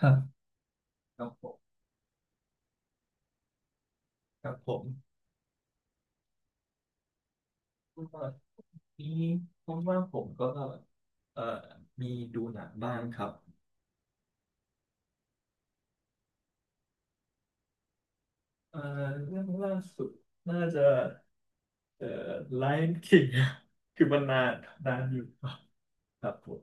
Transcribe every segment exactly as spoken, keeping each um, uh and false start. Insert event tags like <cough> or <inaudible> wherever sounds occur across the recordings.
ฮะกับผมกับผมก็นี้ผมว่าผมก็เอ่อมีดูหนังบ้างครับเอ่อเรื่องล่าสุดน่าจะเอ่อ Lion King คือมันนานนานอยู่ครับผม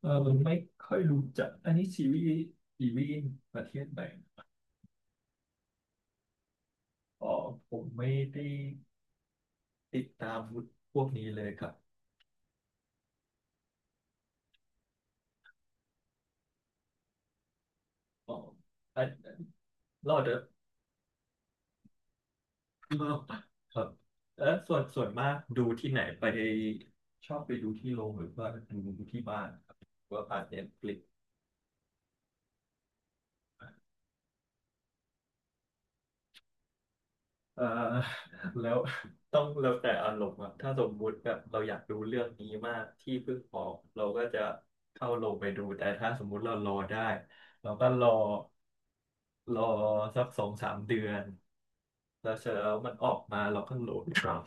เออไม่ค่อยรู้จักอันนี้ซีรีส์ซีรีส์ประเทศไหนอ๋อผมไม่ได้ติดตามพวกนี้เลยครับอ๋ออันเราอจะ มากกว่าครับแล้วส่วนส่วนมากดูที่ไหนไปชอบไปดูที่โรงหรือว่าดูที่บ้านครับหรือว่าผ่านเน็ตฟลิกเอ่อแล้วต้องแล้วแต่อารมณ์อะถ้าสมมุติแบบเราอยากดูเรื่องนี้มากที่เพิ่งออกเราก็จะเข้าโรงไปดูแต่ถ้าสมมุติเรารอได้เราก็รอรอสักสองสามเดือนแล้วเสร็จแล้วมันออกมาเราก็โหลดครับ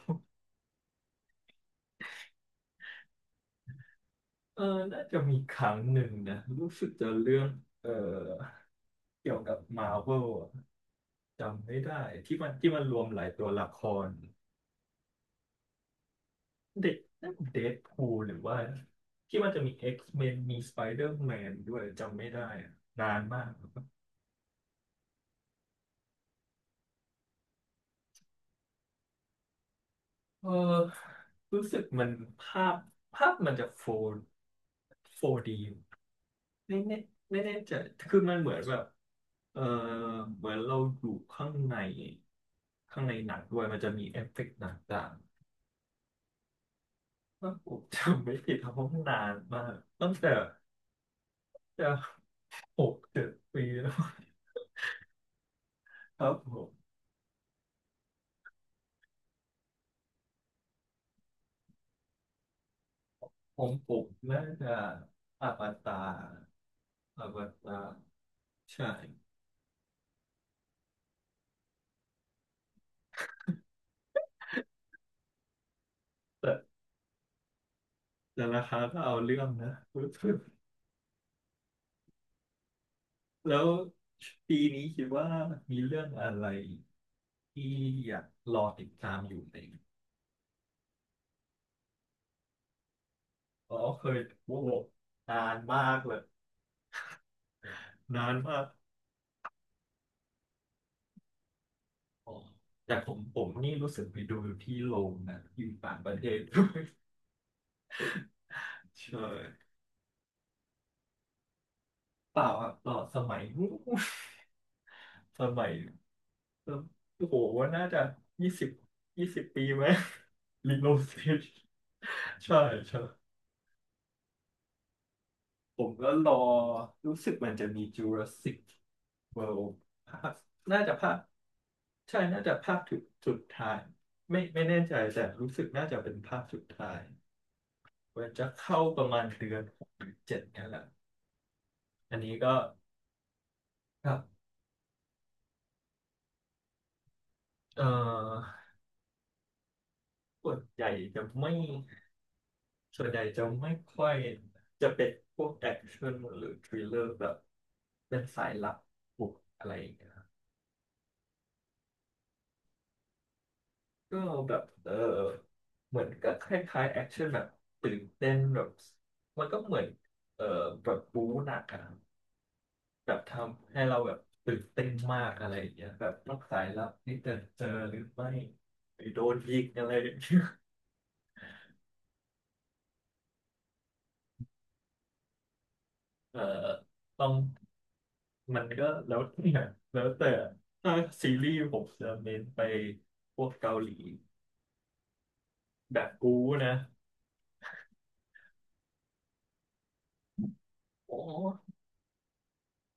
เออน่าจะมีครั้งหนึ่งนะรู้สึกจะเรื่องเออเกี่ยวกับมาร์เวลจำไม่ได้ที่มันที่มันรวมหลายตัวละครเด็กนั่นเดดพูลหรือว่าที่มันจะมี X-Men มนมี Spider-Man ดอร์แมนด้วยจำไม่ได้อะนานมากเออรู้สึกมันภาพภาพมันจะโฟร์โฟร์ดี ไม่แน่ไม่แน่ใจคือมันเหมือนแบบเออเหมือนเราอยู่ข้างในข้างในหนังด้วยมันจะมีเอฟเฟกต์ต่างๆว่าผมจำไม่ผิดเพราะมันนานมากตั้งแต่จะหกเจ็ดปีแล้วครับผมผมผมน่าจะอวตารอวตารใช่แต่แต่ราคาก็เอาเรื่องนะแล้วปีนี้คิดว่ามีเรื่องอะไรที่อยากรอติดตามอยู่ไหม อ๋อเคยโอ้โหนานมากเลยนานมากอ๋อแต่ผมผมนี่รู้สึกไปดูอยู่ที่โรงนะอยู่ต่างประเทศ <laughs> ด้วยใช่เปล่าอ่ะเปล่าสมัยนู้น <laughs> สมัยเออโอ้โหว่าน่าจะยี่สิบยี่สิบปีไหม <laughs> ลิโนเซชใช่ใช่ ผมก็รอรู้สึกมันจะมี Jurassic World ภาคน่าจะภาคใช่น่าจะภาคสุดสุดท้ายไม่ไม่แน่ใจแต่รู้สึกน่าจะเป็นภาคสุดท้ายว่าจะเข้าประมาณเดือนหกหรือเจ็ดเนี่ยแหละอันนี้ก็ครับเอ่อส่วนใหญ่จะไม่ส่วนใหญ่จะไม่ค่อยจะเป็นพวกแอคชั่นหรือทริลเลอร์แบบเป็นสายลับบุกอะไรอย่างเงี้ย ก็แบบเออเหมือนก็คล้ายๆแอคชั่นแบบตื่นเต้นแบบมันก็เหมือนเออแบบบู๊หนักอะแบบทำให้เราแบบตื่นเต้นมากอะไรอย่างเงี้ยแบบต้องสายลับนี่จะเจอหรือไม่หรือโดนยิงอะไรอย่างเงี้ยเออต้องมันก็แล้วแตี่แล้วแต่ถ้าซีรีส์ผมจะเน้นไปพวกเกาหลีแบบบู๊นะอ๋อ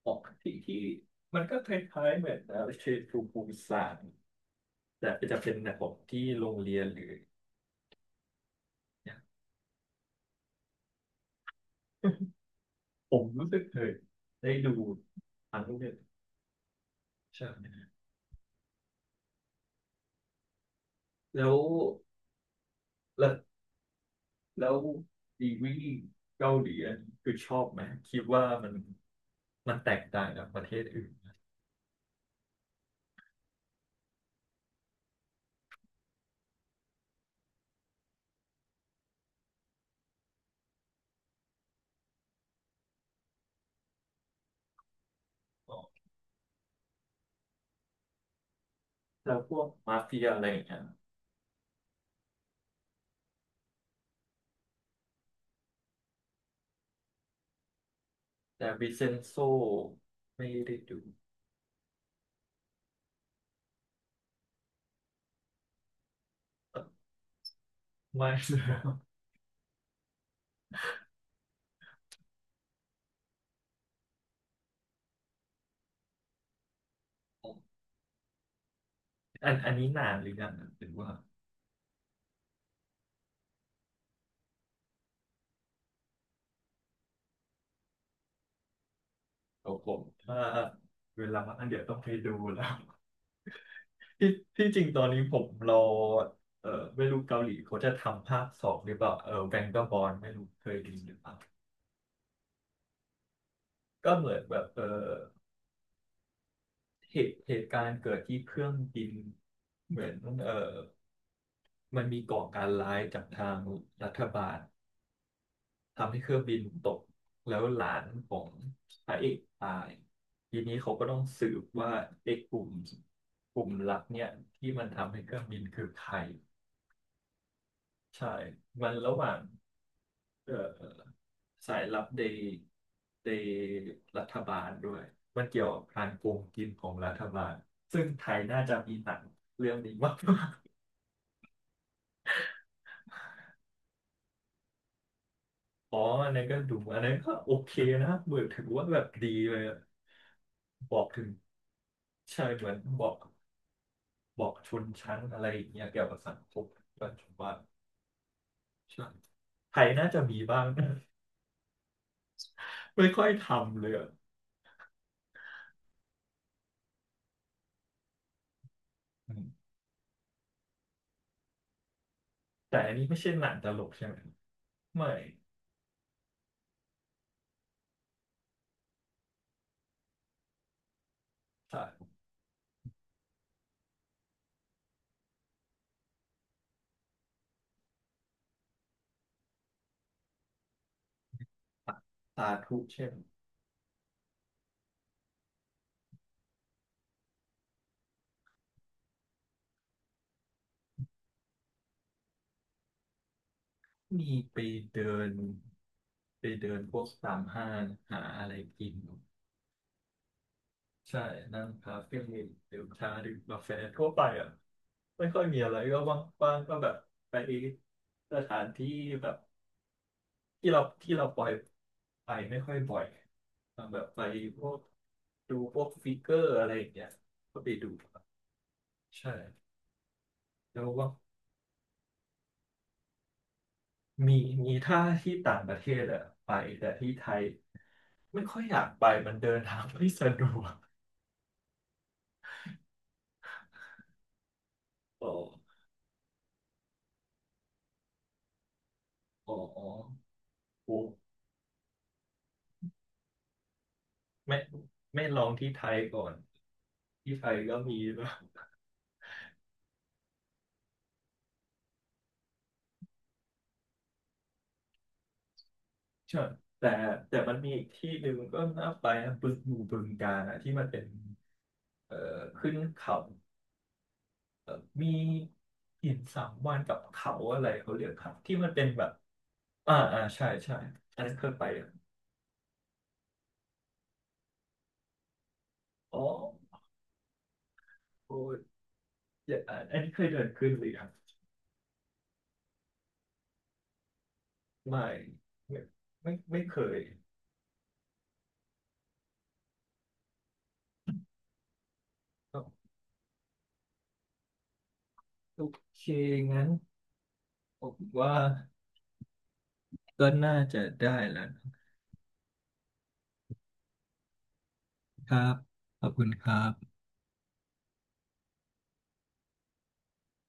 ออกที่ที่มันก็คล้ายๆเหมือนเอ่อเชนทรูปูซาน แต่จะเป็นแบบผมที่โรงเรียนหรือเนี่ยมผมรู้สึกเคยได้ดูอันนู้นใช่ไหมแล้วแล้วแล้วดีวีเกาหลีอันนี้คือชอบไหมคิดว่ามันมันแตกต่างจากประเทศอื่นอ๋อแล้วพวกมาเฟียอะไรอย่างเงี้ยแต่วิเซนโซไม่ได้ดูเอ่อไม่ครับอันอันนี้นานหรือยังหรือว่าโอ้ผมถ้าเวลามันอันเดี๋ยวต้องไปดูแล้ว ที่ที่จริงตอนนี้ผมรอเออไม่รู้เกาหลีเขาจะทำภาคสองหรือเปล่าเออแบงก์บอลไม่รู้เคยไดยนหรือเปล่าก็เหมือนแบบเออเหตุเหตุการณ์เกิดที่เครื่องบินเหมือนเออมันมีก่อการร้ายจากทางรัฐบาลทำให้เครื่องบินตกแล้วหลานของพระเอกตายทีนี้เขาก็ต้องสืบว่าเอกกลุ่มกลุ่มลับเนี่ยที่มันทำให้เครื่องบินคือใครใช่มันระหว่าง เอ่อสายลับในในรัฐบาลด้วยมันเกี่ยวกับการโกงกินของรัฐบาลซึ่งไทยน่าจะมีหนังเรื่องนี้มาก <laughs> อ๋ออันนั้นก็ดูอันนั้นก็โอเคนะเหมือนถือว่าแบบดีเลยอะบอกถึงใช่เหมือนบอกบอกชนชั้นอะไรอย่างเงี้ยเกี่ยวกับสังคมปัจจุบานใช่ไทยน่าจะมีบ้าง <laughs> ไม่ค่อยทำเลยอะอืมแต่อันนี้ไม่ใช่หนังตลกใช่ไหมไม่ใช่ สาธุเช่นมมีไปเดินไปเดินพวกตามห้างหาอะไรกินใช่นั่งคาเฟ่ดื่มชาดื่มกาแฟทั่วไปอ่ะไม่ค่อยมีอะไรก็ว่างๆก็แบบไปสถานที่แบบที่เราที่เราปล่อยไปไม่ค่อยบ่อยแบบไปพวกดูพวกฟิกเกอร์อะไรอย่างเงี้ยก็ไปดูครับใช่แล้วว่าง มีมีถ้าที่ต่างประเทศอะไปแต่ที่ไทยไม่ค่อยอยากไปมันเดินทางไม่สะดวกอ๋ออ๋ออ๋อโอ้ไม่ไม่ลองที่ไทยก่อนที่ไทยก็มีนะใช่แต่แต่มันมีอีกที่หนึ่งก็น่าไปนะบึงอยู่บึงกาฬอะที่มันเป็นเอ่อขึ้นเขาเอ่อมีหินสามวันกับเขาอะไรเขาเรียกครับที่มันเป็นแบบอ่าอ่าใช่ใช่อันนั้นเคยไปอะอ๋อโอ้ย อย่าอ่าอันนี้เคยเดินขึ้นหรือยังไม่ไม่ไม่ไม่เคยโอเคงั้นผมว่าก็น่าจะได้แล้วนะครับขอบคุณครับ